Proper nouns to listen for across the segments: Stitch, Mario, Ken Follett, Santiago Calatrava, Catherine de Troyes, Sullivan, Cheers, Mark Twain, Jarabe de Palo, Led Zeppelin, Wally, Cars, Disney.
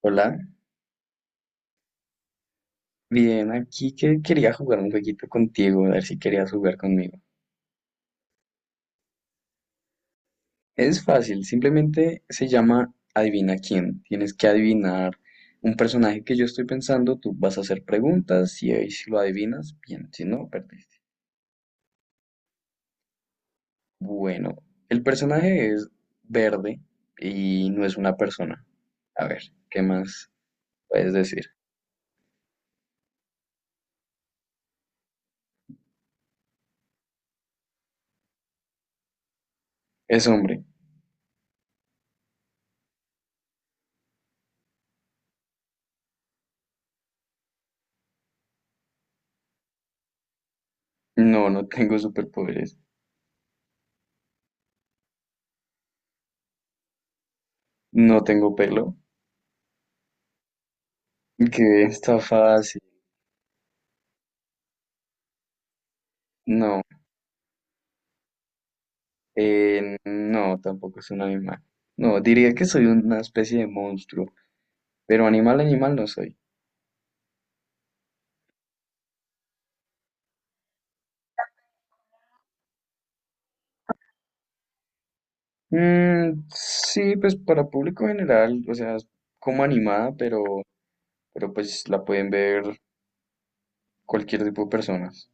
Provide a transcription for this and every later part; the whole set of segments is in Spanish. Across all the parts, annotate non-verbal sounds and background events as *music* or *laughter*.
Hola, bien, aquí que quería jugar un jueguito contigo, a ver si querías jugar conmigo. Es fácil, simplemente se llama Adivina quién. Tienes que adivinar un personaje que yo estoy pensando, tú vas a hacer preguntas y ahí si lo adivinas, bien, si no, perdiste. Bueno, el personaje es verde y no es una persona. A ver, ¿qué más puedes decir? Es hombre. No, no tengo superpoderes. No tengo pelo. Que está fácil. No, no, tampoco es un animal. No, diría que soy una especie de monstruo, pero animal, animal no soy. Mm, sí, pues para público general, o sea, es como animada, pero pues la pueden ver cualquier tipo de personas.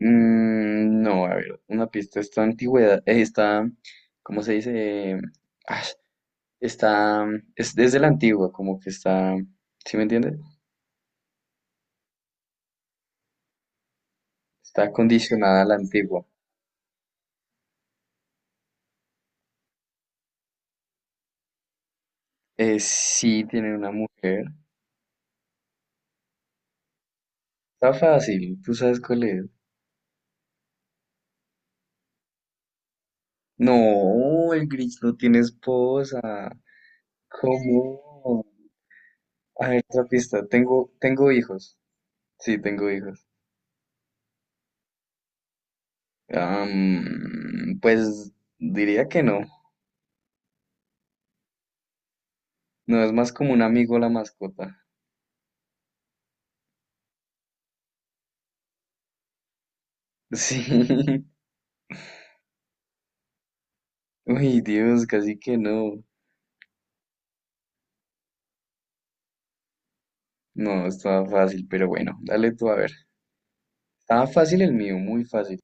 Mm, no, a ver, una pista, esta antigüedad, esta, ¿cómo se dice? Ah, está, es desde la antigua, como que está, ¿sí me entiendes? Está condicionada a la antigua. Sí, tiene una mujer. Está fácil, tú sabes cuál es. No, el Grinch no tiene esposa. ¿Cómo? A ver, otra pista. Tengo hijos. Sí, tengo hijos. Pues diría que no. No, es más como un amigo la mascota. Sí. *laughs* Uy, Dios, casi que no. No, estaba fácil, pero bueno, dale tú a ver. Estaba fácil el mío, muy fácil.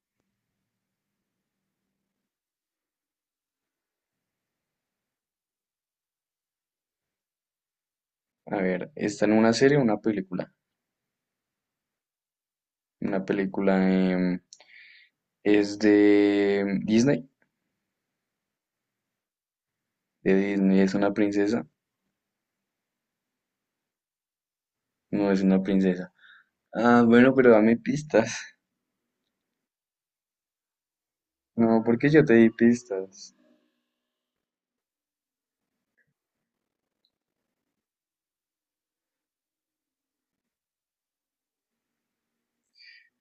A ver, ¿está en una serie o una película? Una película, es de Disney. De Disney. ¿Es una princesa? No es una princesa. Ah, bueno, pero dame pistas. *laughs* No, porque yo te di pistas.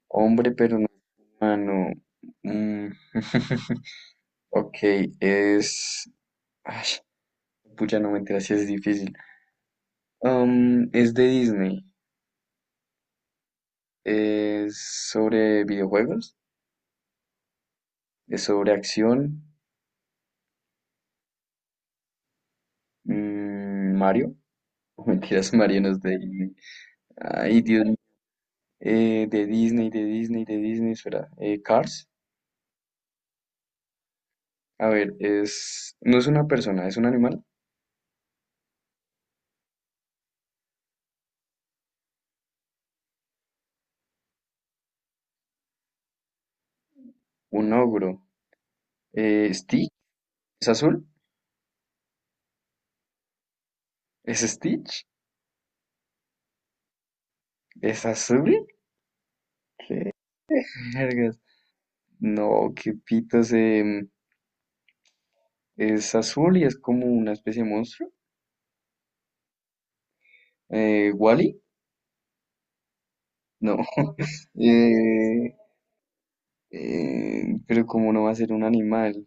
Hombre, pero no humano. Mm. *laughs* Ok, es... Ay, pucha, no me enteras si es difícil. Es de Disney. Es sobre videojuegos. Es sobre acción. Mario. *laughs* Mentiras, Mario no es de Disney. Ay, Dios mío. De Disney, de Disney, de Disney. Espera. Cars. A ver, es. No es una persona, es un animal. Un ogro. Stitch. ¿Es azul? ¿Es Stitch? ¿Es azul? Vergas. No, qué pitos. Es azul y es como una especie de monstruo. ¿Wally? No. *laughs* Eh, pero como no va a ser un animal.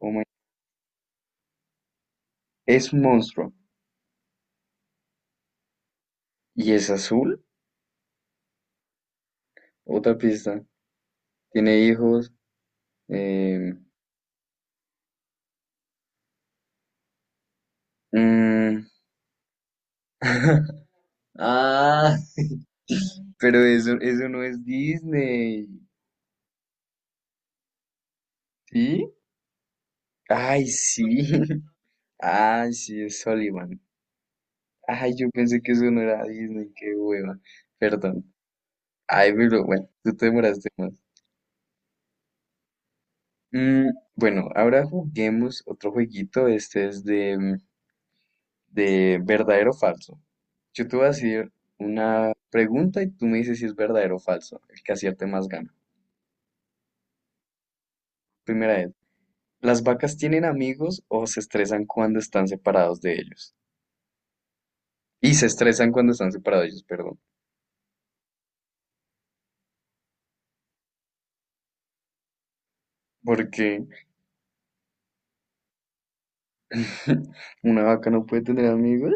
Oh my- Es un monstruo. ¿Y es azul? Otra pista. Tiene hijos. em, mm, *laughs* Ah, *laughs* Pero eso no es Disney, ¿sí? Ay, sí. *laughs* Ay, sí, es Sullivan. Ay, yo pensé que eso no era Disney, qué hueva. Perdón. Ay, pero bueno, tú te demoraste más. Mm, bueno, ahora juguemos otro jueguito. Este es de verdadero o falso. Yo te voy a decir una pregunta y tú me dices si es verdadero o falso. El que acierte más gana. Primera vez. ¿Las vacas tienen amigos o se estresan cuando están separados de ellos? Y se estresan cuando están separados ellos, perdón. Porque *laughs* una vaca no puede tener amigos.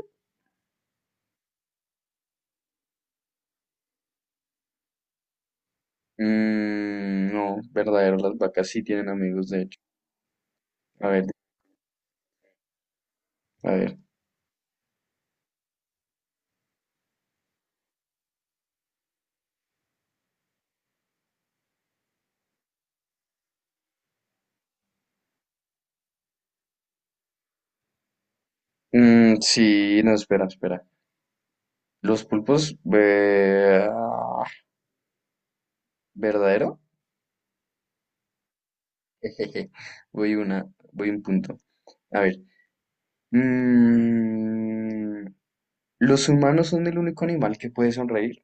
Mm, no, verdadero, las vacas sí tienen amigos, de hecho. A ver, a ver. Mm, sí, no, espera, espera. Los pulpos, verdadero. Jejeje. Voy una, Voy un punto. A ver. Mm, los humanos son el único animal que puede sonreír.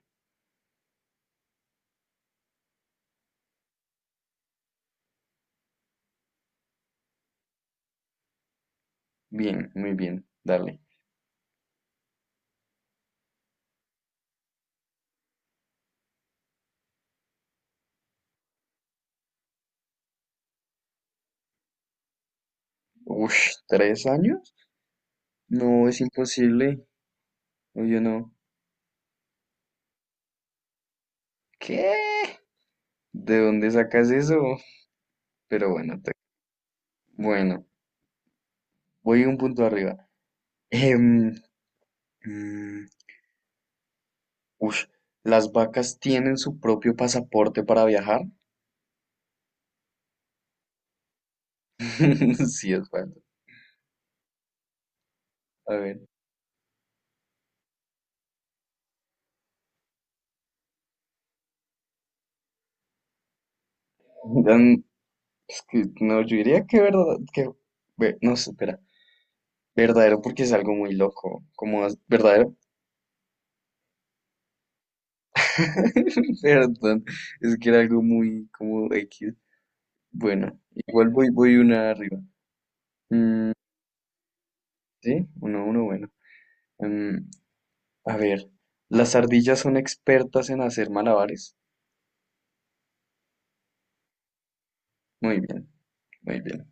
Bien, muy bien, dale. Ush, ¿3 años? No, es imposible. O yo no. ¿Qué? ¿De dónde sacas eso? Pero bueno, bueno, voy un punto arriba. Em, mm, Ush, ¿las vacas tienen su propio pasaporte para viajar? *laughs* Sí, es bueno. A ver. dan- es que, no, yo diría que verdad, que, no sé, espera. Verdadero porque es algo muy loco. Como verdadero. *laughs* Perdón, es que era algo muy como X. Bueno, igual voy una arriba. Mm, sí, 1-1, bueno. Mm, a ver, ¿las ardillas son expertas en hacer malabares? Muy bien, muy bien.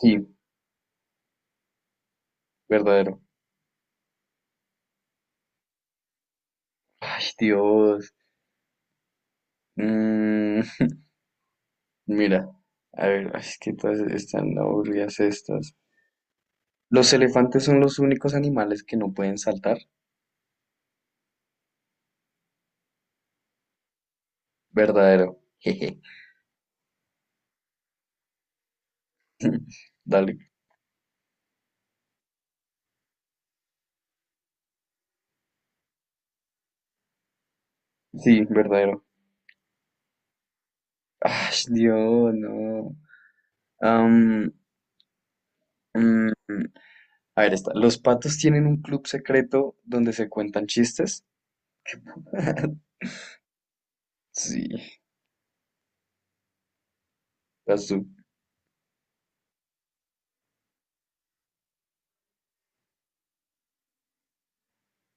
Sí, verdadero. Ay, Dios. Mm, Mira, a ver, ay, es que todas están aburridas estas. ¿Los elefantes son los únicos animales que no pueden saltar? Verdadero. Jeje. *laughs* Dale. Sí, verdadero. Ay, Dios, no. Am, mm, a ver, esta. ¿Los patos tienen un club secreto donde se cuentan chistes? *laughs* Sí, las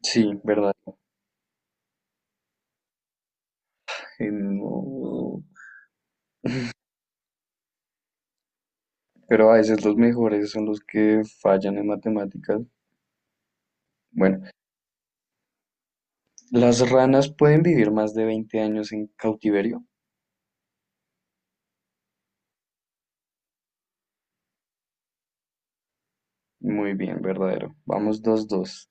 sí, verdad. No, pero a veces los mejores son los que fallan en matemáticas. Bueno, las ranas pueden vivir más de 20 años en cautiverio. Muy bien, verdadero. Vamos 2-2.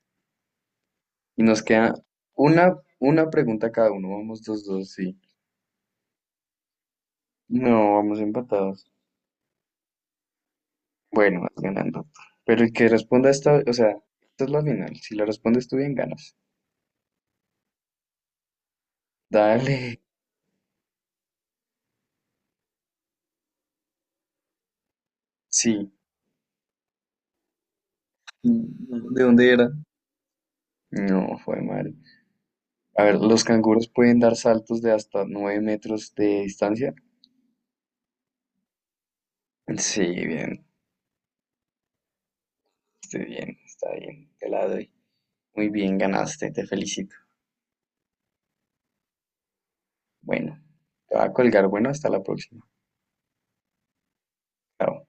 Y nos queda una pregunta cada uno. Vamos dos dos sí. No, vamos empatados. Bueno, vas ganando. Pero el que responda esta, o sea, esta es la final. Si la respondes tú bien, ganas. Dale. Sí. ¿De dónde era? No, fue madre. A ver, ¿los canguros pueden dar saltos de hasta 9 metros de distancia? Sí, bien, estoy bien, está bien, te la doy. Muy bien, ganaste, te felicito. Bueno, te va a colgar. Bueno, hasta la próxima. Chao.